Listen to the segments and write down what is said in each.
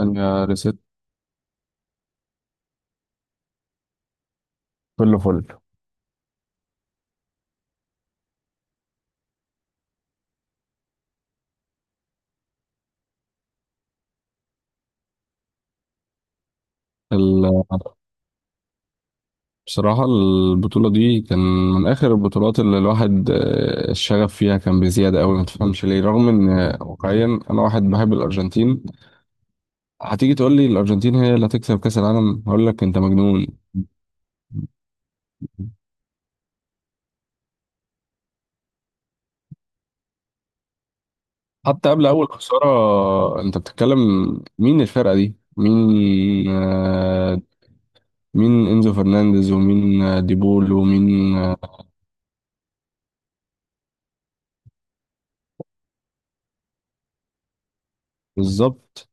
يا ريسيت. كله فل. ال- بصراحة البطولة دي كان من آخر البطولات اللي الواحد الشغف فيها كان بزيادة أوي، ما تفهمش ليه، رغم إن واقعيا أنا واحد بحب الأرجنتين. هتيجي تقول لي الأرجنتين هي اللي هتكسب كأس العالم، هقول لك أنت مجنون. حتى قبل أول خسارة أنت بتتكلم. مين الفرقة دي؟ مين آه، مين إنزو فرنانديز، ومين ديبول، ومين؟ بالظبط.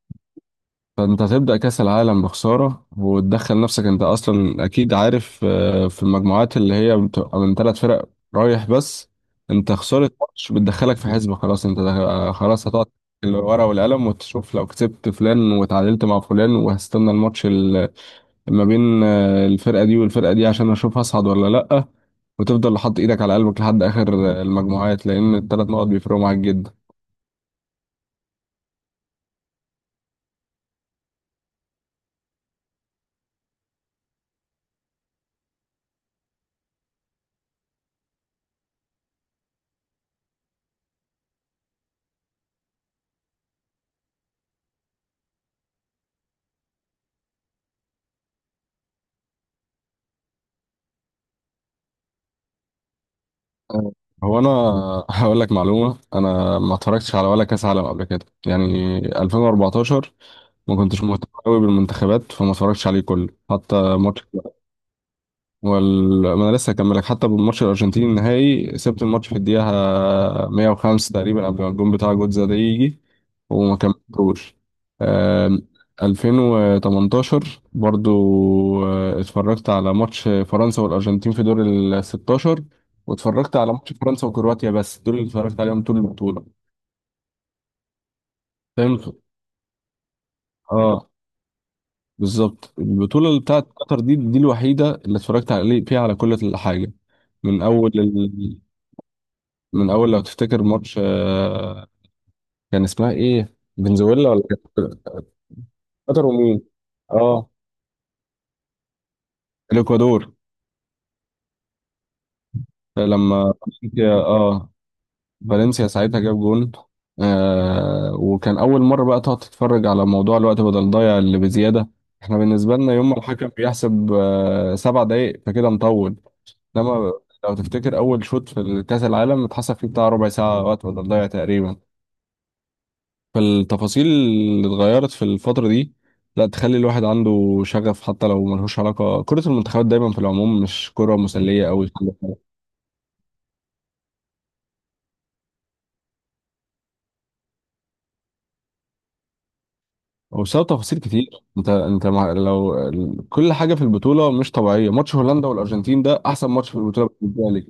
فانت هتبدأ كأس العالم بخسارة وتدخل نفسك، انت اصلا اكيد عارف في المجموعات اللي هي بتبقى من 3 فرق رايح بس. انت خسارة ماتش بتدخلك في حسبة، خلاص انت خلاص هتقعد الورقة والقلم وتشوف لو كسبت فلان وتعادلت مع فلان، وهستنى الماتش ما بين الفرقة دي والفرقة دي عشان اشوف هصعد ولا لأ. وتفضل حاطط ايدك على قلبك لحد اخر المجموعات، لان الثلاث نقط بيفرقوا معاك جدا. آه، هو انا هقول لك معلومه، انا ما اتفرجتش على ولا كاس عالم قبل كده، يعني 2014 ما كنتش مهتم قوي بالمنتخبات، فما اتفرجتش عليه كله حتى ماتش. ما انا لسه هكملك، حتى بالماتش الارجنتيني النهائي سبت الماتش في الدقيقه 105 تقريبا قبل ما الجون بتاع جوتزا ده يجي، وما كملتوش. آم، 2018 برضو اتفرجت على ماتش فرنسا والارجنتين في دور ال 16، واتفرجت على ماتش فرنسا وكرواتيا، بس دول اللي اتفرجت عليهم طول البطوله. فهمت. اه بالظبط، البطوله اللي بتاعت قطر دي دي الوحيده اللي اتفرجت عليه فيها على كل حاجه. من اول من اول لو تفتكر ماتش، كان اسمها ايه؟ فنزويلا ولا كانت قطر ومين؟ اه الاكوادور. لما فالنسيا، اه فالنسيا ساعتها جاب جون وكان اول مره بقى تقعد تتفرج على موضوع الوقت بدل ضايع اللي بزياده. احنا بالنسبه لنا يوم ما الحكم بيحسب 7 دقايق فكده مطول. لما لو تفتكر اول شوط في كاس العالم اتحسب فيه بتاع ربع ساعه وقت بدل ضايع تقريبا. فالتفاصيل اللي اتغيرت في الفترة دي لا تخلي الواحد عنده شغف، حتى لو ملهوش علاقة، كرة المنتخبات دايما في العموم مش كرة مسلية أوي. وبسبب تفاصيل كتير، انت مع لو كل حاجة في البطولة مش طبيعية. ماتش هولندا والأرجنتين ده أحسن ماتش في البطولة بالنسبة لي.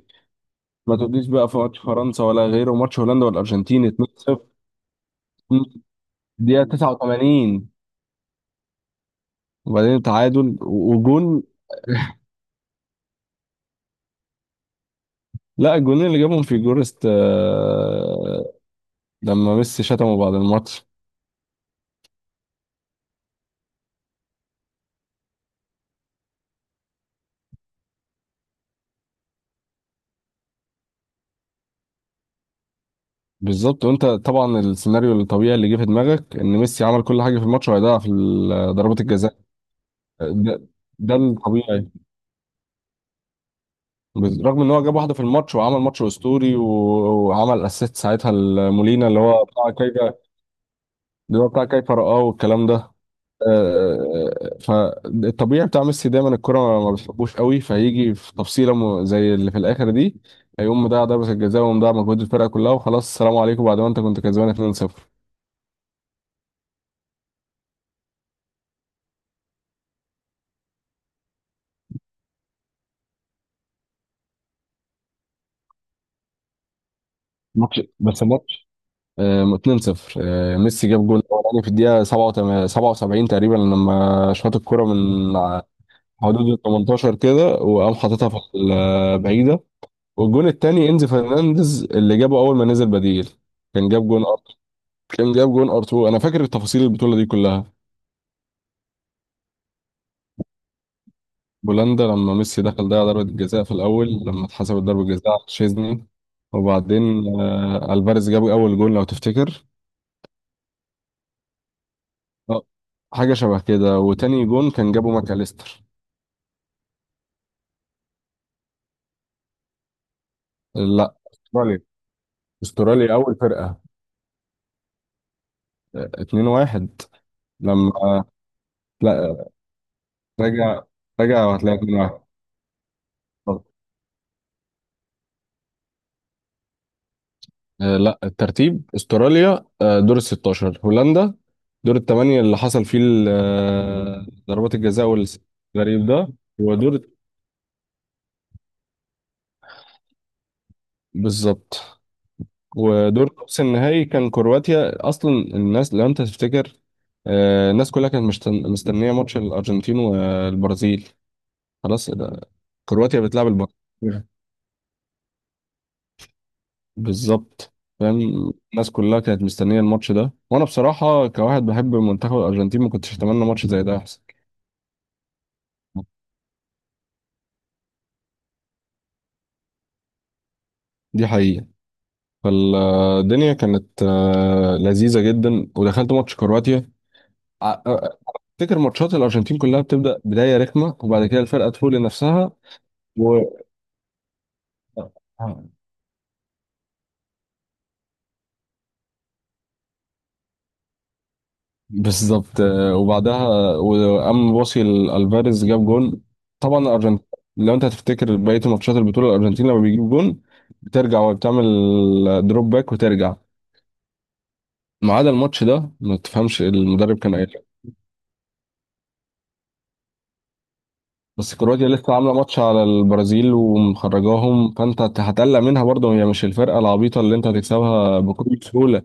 ما تقوليش بقى في ماتش فرنسا ولا غيره، ماتش هولندا والأرجنتين 2-0. دقيقة 89 وبعدين تعادل وجون. لا الجونين اللي جابهم في جورست لما ميسي شتمه بعد الماتش. بالظبط. وانت طبعا السيناريو الطبيعي اللي جه في دماغك ان ميسي عمل كل حاجه في الماتش وهيضيع في ضربات الجزاء. ده, ده الطبيعي. رغم ان هو جاب واحده في الماتش وعمل ماتش اسطوري وعمل اسيست ساعتها لمولينا اللي هو بتاع كايفا. رقاه والكلام ده. فالطبيعي بتاع ميسي دايما الكرة ما بتحبوش قوي، فهيجي في تفصيله زي اللي في الاخر دي، هيقوم مضيع ضربه الجزاء ومضيع مجهود الفرقه كلها وخلاص السلام عليكم بعد ما انت كنت كسبان 2-0. ماتش بس ماتش 2-0. ميسي جاب جول اولاني في الدقيقه 77 77 تقريبا، لما شاط الكره من حدود ال 18 كده، وقام حاططها في البعيده. والجون الثاني انزي فرنانديز اللي جابه اول ما نزل بديل. كان جاب جون ار كان جاب جون ار 2. انا فاكر التفاصيل البطوله دي كلها. بولندا لما ميسي دخل ضيع ضربه الجزاء في الاول لما اتحسبت ضربه جزاء على تشيزني. وبعدين الفاريز جاب اول جون لو تفتكر آه، حاجه شبه كده. وتاني جون كان جابه ماكاليستر. لا استراليا. استراليا اول فرقه 2 1. لما لا راجع. راجع وهتلاقي 2 1. لا الترتيب، استراليا دور ال 16، هولندا دور الثمانيه اللي حصل فيه ضربات الجزاء والغريب ده. ودور، بالظبط. ودور نص النهائي كان كرواتيا. اصلا الناس لو انت تفتكر الناس كلها كانت مستنيه ماتش الارجنتين والبرازيل. خلاص ده، كرواتيا بتلعب البرازيل. بالظبط. فاهم. الناس كلها كانت مستنيه الماتش ده، وانا بصراحه كواحد بحب منتخب الارجنتين ما كنتش اتمنى ماتش زي ده يحصل. دي حقيقه. فالدنيا كانت لذيذه جدا. ودخلت ماتش كرواتيا ع- آه، افتكر ماتشات الارجنتين كلها بتبدا بدايه رخمه وبعد كده الفرقه تفوق لنفسها. و آه. بالظبط. وبعدها وقام باصي لالفاريز جاب جون. طبعا الارجنتين، لو انت هتفتكر بقيه ماتشات البطوله، الارجنتين لما بيجيب جون بترجع وبتعمل دروب باك وترجع، ما عدا الماتش ده. ما تفهمش المدرب كان قايل إيه. بس كرواتيا لسه عامله ماتش على البرازيل ومخرجاهم، فانت هتقلق منها برضه، هي مش الفرقه العبيطه اللي انت هتكسبها بكل سهوله.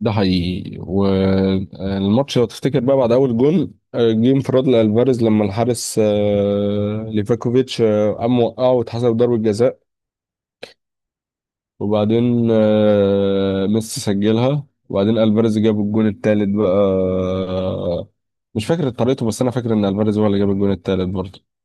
ده حقيقي. والماتش لو تفتكر بقى بعد اول جون، جه انفراد لالفاريز لما الحارس ليفاكوفيتش قام وقعه واتحسب ضربة جزاء. وبعدين ميسي سجلها. وبعدين الفاريز جاب الجون التالت بقى. مش فاكر طريقته، بس انا فاكر ان الفاريز هو اللي جاب الجون التالت برضه.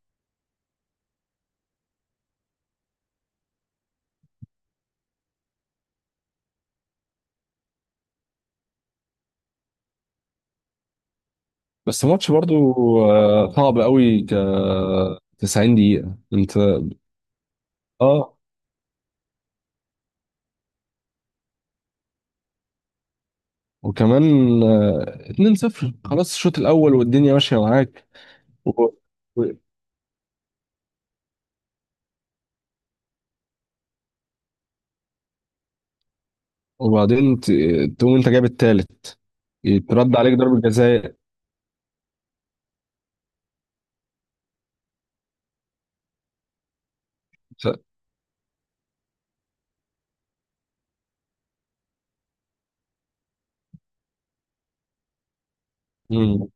بس ماتش برضه صعب قوي، 90 دقيقة انت. اه وكمان 2-0 خلاص الشوط الاول والدنيا ماشيه معاك. و- و- وبعدين تقوم انت جايب التالت، يترد عليك ضربة جزاء. ف- مم.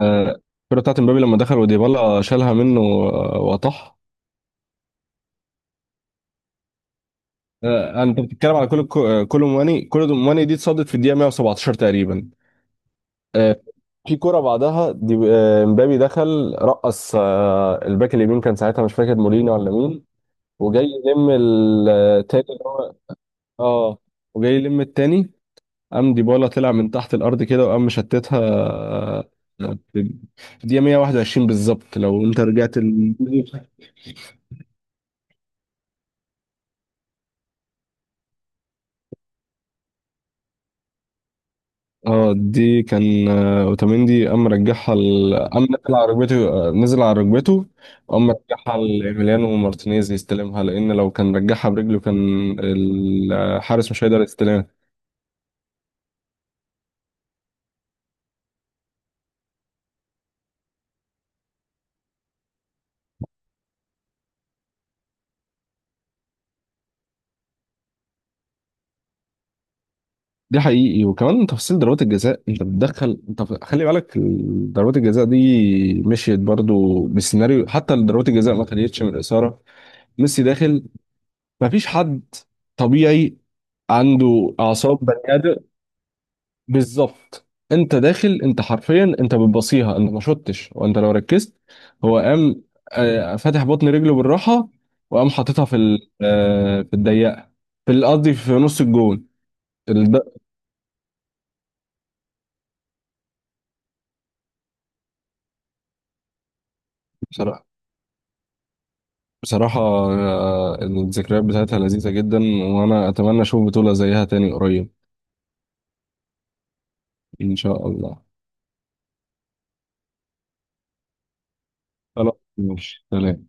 آه، الكرة بتاعت مبابي لما دخل وديبالا شالها منه وطح. انت بتتكلم على كل كل مواني دي اتصدت في الدقيقة 117 تقريبا. آه، في كرة بعدها دي مبابي دخل رقص الباك اليمين كان ساعتها مش فاكر مولينا ولا مين. وجاي يلم التاني اللي هو اه وجاي يلم التاني. قام ديبالا طلع من تحت الارض كده وقام مشتتها في الدقيقه 121 بالظبط لو انت رجعت اه. دي كان اوتاميندي قام رجعها قام نزل على ركبته وقام رجعها لإيميليانو مارتينيز يستلمها، لان لو كان رجعها برجله كان الحارس مش هيقدر يستلمها. دي حقيقي. وكمان تفاصيل ضربات الجزاء انت بتدخل انت خلي بالك ضربات الجزاء دي مشيت برضو بالسيناريو. حتى ضربات الجزاء ما خدتش من الاثاره. ميسي داخل، مفيش حد طبيعي عنده اعصاب بني ادم. بالظبط. انت داخل انت حرفيا، انت بتبصيها انت ما شطتش. وانت لو ركزت هو قام فاتح بطن رجله بالراحه، وقام حاططها في في الضيقه. في قصدي في نص الجون. ال- ده بصراحه. بصراحه الذكريات بتاعتها لذيذه جدا، وانا اتمنى اشوف بطوله زيها تاني قريب. ان شاء الله. خلاص ماشي. سلام.